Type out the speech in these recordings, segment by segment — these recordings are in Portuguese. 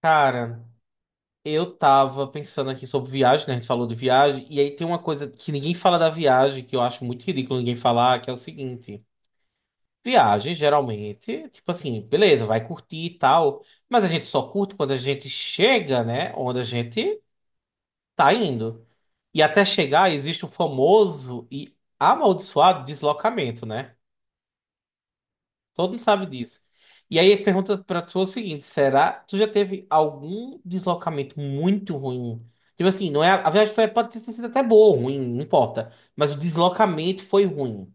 Cara, eu tava pensando aqui sobre viagem, né? A gente falou de viagem, e aí tem uma coisa que ninguém fala da viagem, que eu acho muito ridículo ninguém falar, que é o seguinte: viagem, geralmente, tipo assim, beleza, vai curtir e tal, mas a gente só curte quando a gente chega, né? Onde a gente tá indo. E até chegar, existe o famoso e amaldiçoado deslocamento, né? Todo mundo sabe disso. E aí ele pergunta pra tu é o seguinte: será tu já teve algum deslocamento muito ruim? Tipo assim, não é, a viagem foi, pode ter sido até boa ou ruim, não importa. Mas o deslocamento foi ruim.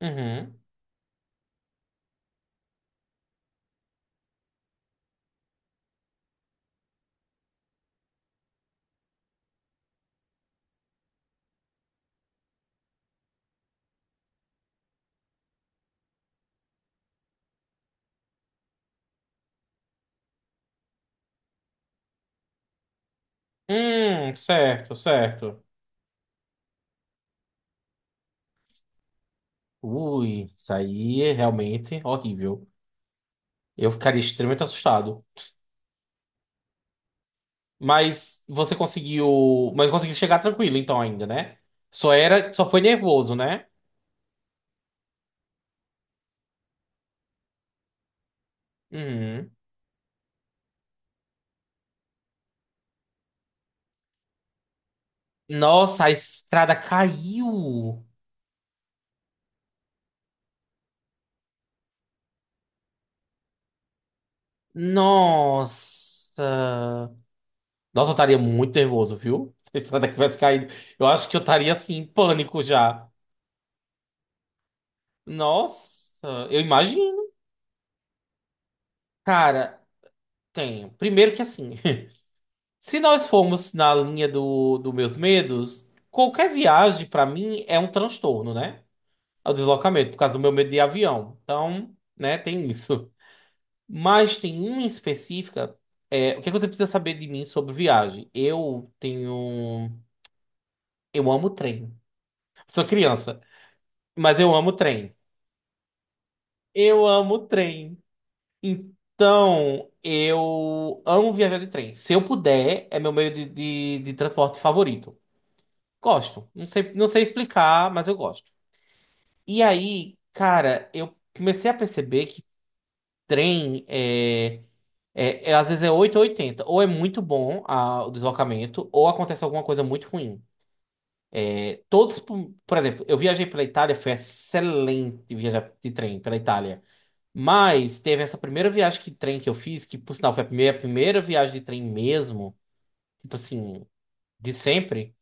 Uhum. Certo, certo. Ui, isso aí é realmente horrível. Eu ficaria extremamente assustado. Mas você conseguiu. Mas conseguiu chegar tranquilo, então, ainda, né? Só era. Só foi nervoso, né? Uhum. Nossa, a estrada caiu. Nossa! Nossa, eu estaria muito nervoso, viu? Se isso até tivesse caído, eu acho que eu estaria assim, em pânico já. Nossa, eu imagino. Cara, tenho. Primeiro que assim, se nós formos na linha do meus medos, qualquer viagem pra mim é um transtorno, né? É o deslocamento, por causa do meu medo de avião. Então, né, tem isso. Mas tem uma em específica. O que é que você precisa saber de mim sobre viagem? Eu tenho. Eu amo trem. Sou criança. Mas eu amo trem. Eu amo trem. Então, eu amo viajar de trem. Se eu puder, é meu meio de transporte favorito. Gosto. Não sei explicar, mas eu gosto. E aí, cara, eu comecei a perceber que trem é. Às vezes é oito ou oitenta. Ou é muito bom o deslocamento, ou acontece alguma coisa muito ruim. Todos, por exemplo, eu viajei pela Itália, foi excelente viajar de trem pela Itália. Mas teve essa primeira viagem que trem que eu fiz, que por sinal foi a primeira viagem de trem mesmo, tipo assim, de sempre,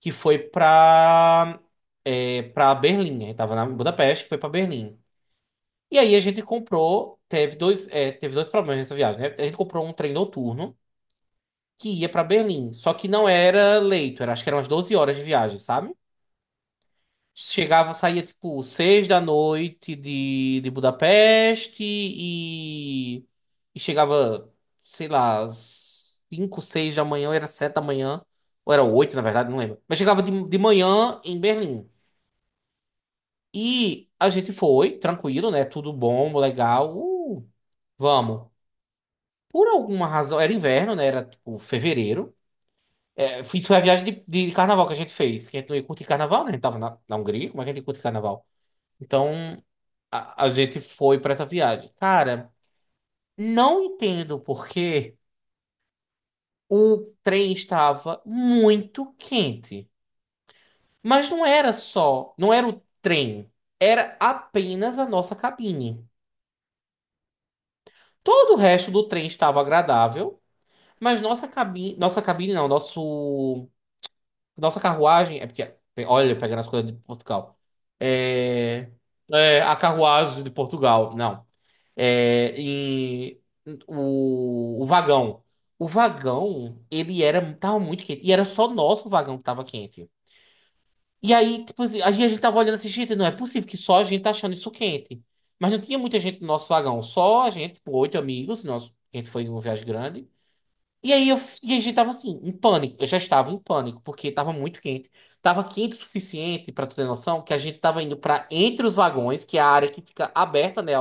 que foi pra Berlim. Aí tava na em Budapeste, foi pra Berlim. E aí a gente comprou, teve dois, é, teve dois problemas nessa viagem, né? A gente comprou um trem noturno que ia pra Berlim, só que não era leito, era, acho que eram umas 12 horas de viagem, sabe? Chegava, saía tipo 6 da noite de Budapeste e chegava, sei lá, cinco, seis da manhã, ou era 7 da manhã, ou era oito, na verdade, não lembro. Mas chegava de manhã em Berlim. E a gente foi, tranquilo, né? Tudo bom, legal. Vamos. Por alguma razão, era inverno, né? Era tipo fevereiro. É, isso foi a viagem de carnaval que a gente fez curtir carnaval, né? A gente tava na Hungria, como é que a gente ia curtir carnaval? Então a gente foi pra essa viagem. Cara, não entendo porque o trem estava muito quente. Mas não era só, não era o trem, era apenas a nossa cabine. Todo o resto do trem estava agradável, mas nossa cabine não, nosso, nossa carruagem, é porque, olha, pegando as coisas de Portugal. É, é a carruagem de Portugal, não. Em o vagão. O vagão, ele era, tava muito quente. E era só nosso vagão que tava quente. E aí, tipo, assim, a gente tava olhando assim, gente, não é possível que só a gente tá achando isso quente. Mas não tinha muita gente no nosso vagão, só a gente, tipo, oito amigos, nosso, a gente foi em uma viagem grande. E aí, e a gente tava assim, em pânico. Eu já estava em pânico, porque tava muito quente. Tava quente o suficiente, pra tu ter noção, que a gente tava indo pra entre os vagões, que é a área que fica aberta, né,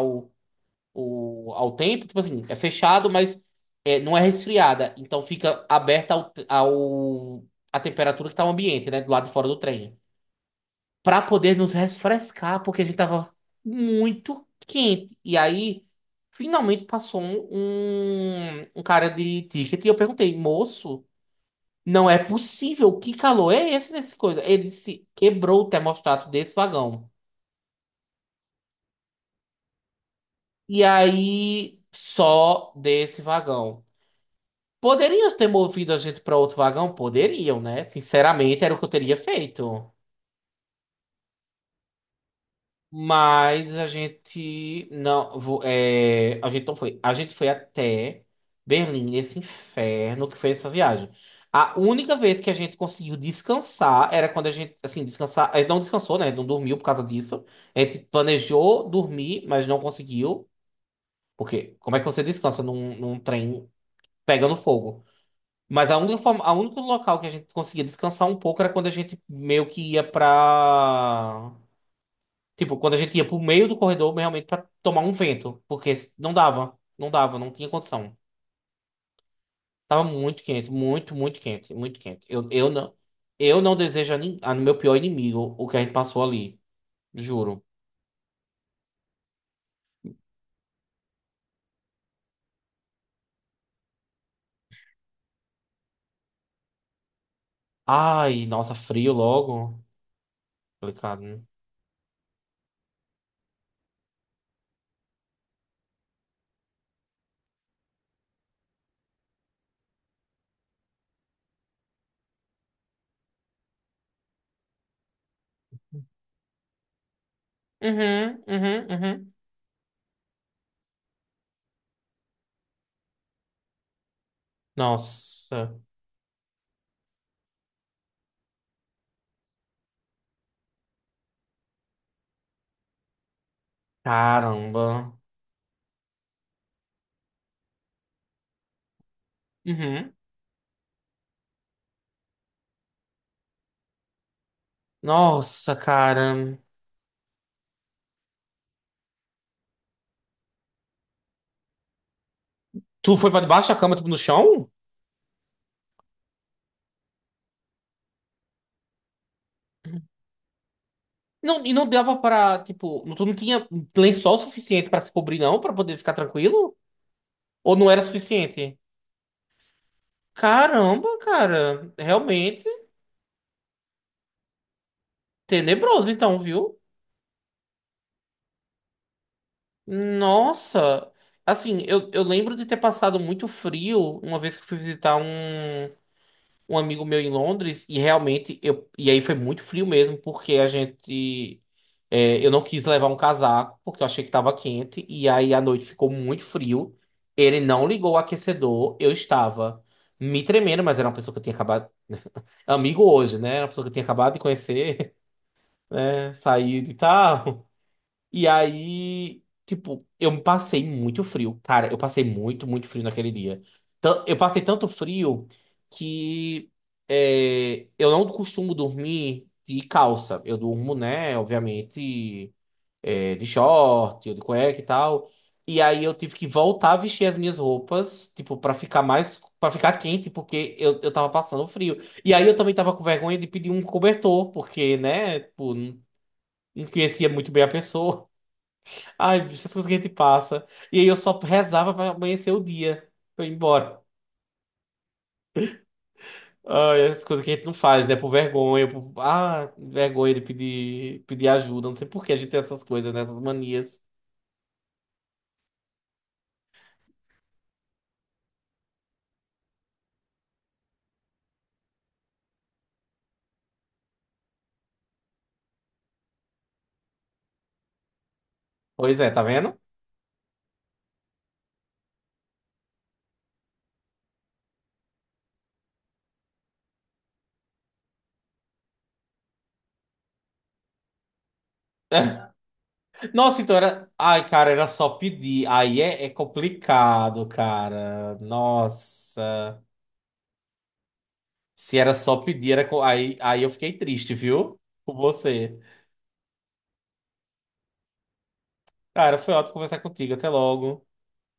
ao tempo, tipo assim, é fechado, mas não é resfriada. Então fica aberta à temperatura que tá o ambiente, né? Do lado de fora do trem. Pra poder nos refrescar, porque a gente tava muito quente. E aí, finalmente passou um cara de ticket e eu perguntei, moço, não é possível, que calor é esse nessa coisa? Ele disse, quebrou o termostato desse vagão. E aí, só desse vagão. Poderiam ter movido a gente para outro vagão? Poderiam, né? Sinceramente, era o que eu teria feito. Mas a gente não, a gente não foi. A gente foi até Berlim, nesse inferno que foi essa viagem. A única vez que a gente conseguiu descansar era quando a gente, assim, descansar, a gente não descansou, né? Não dormiu por causa disso. A gente planejou dormir, mas não conseguiu. Porque como é que você descansa num trem pegando fogo? Mas a única forma, a único local que a gente conseguia descansar um pouco era quando a gente meio que ia pra. Tipo, quando a gente ia pro meio do corredor, realmente pra tomar um vento. Porque não dava, não dava, não tinha condição. Tava muito quente, muito quente. Eu não, eu não desejo a no meu pior inimigo o que a gente passou ali. Juro. Ai, nossa, frio logo. Complicado, né? Uhum, uhum, uhum. Nossa, caramba. Uhum. Nossa, cara. Tu foi pra debaixo da cama, tipo, no chão? Não, e não dava pra, tipo, tu não tinha lençol suficiente pra se cobrir, não, pra poder ficar tranquilo? Ou não era suficiente? Caramba, cara, realmente tenebroso, então, viu? Nossa, assim, eu lembro de ter passado muito frio uma vez que eu fui visitar Um. Amigo meu em Londres e realmente eu e aí foi muito frio mesmo porque eu não quis levar um casaco porque eu achei que estava quente e aí a noite ficou muito frio. Ele não ligou o aquecedor, eu estava me tremendo, mas era uma pessoa que eu tinha acabado amigo hoje, né? Era uma pessoa que eu tinha acabado de conhecer, né? Saído e tal. E aí, tipo, eu me passei muito frio. Cara, eu passei muito, muito frio naquele dia. Eu passei tanto frio que eu não costumo dormir de calça. Eu durmo, né, obviamente, de short, ou de cueca e tal. E aí eu tive que voltar a vestir as minhas roupas, tipo, pra ficar mais, para ficar quente, porque eu tava passando frio. E aí eu também tava com vergonha de pedir um cobertor, porque, né, tipo, não conhecia muito bem a pessoa. Ai, bicho, essas coisas que a gente passa. E aí eu só rezava pra amanhecer o dia, pra eu ir embora. Ai, essas coisas que a gente não faz, né? Por vergonha, por... Ah, vergonha de pedir ajuda. Não sei por que a gente tem essas coisas, né? Essas manias. Pois é, tá vendo? Nossa, então era... Ai, cara, era só pedir. Aí é complicado, cara. Nossa. Se era só pedir, era... aí eu fiquei triste, viu? Com você. Cara, foi ótimo conversar contigo. Até logo.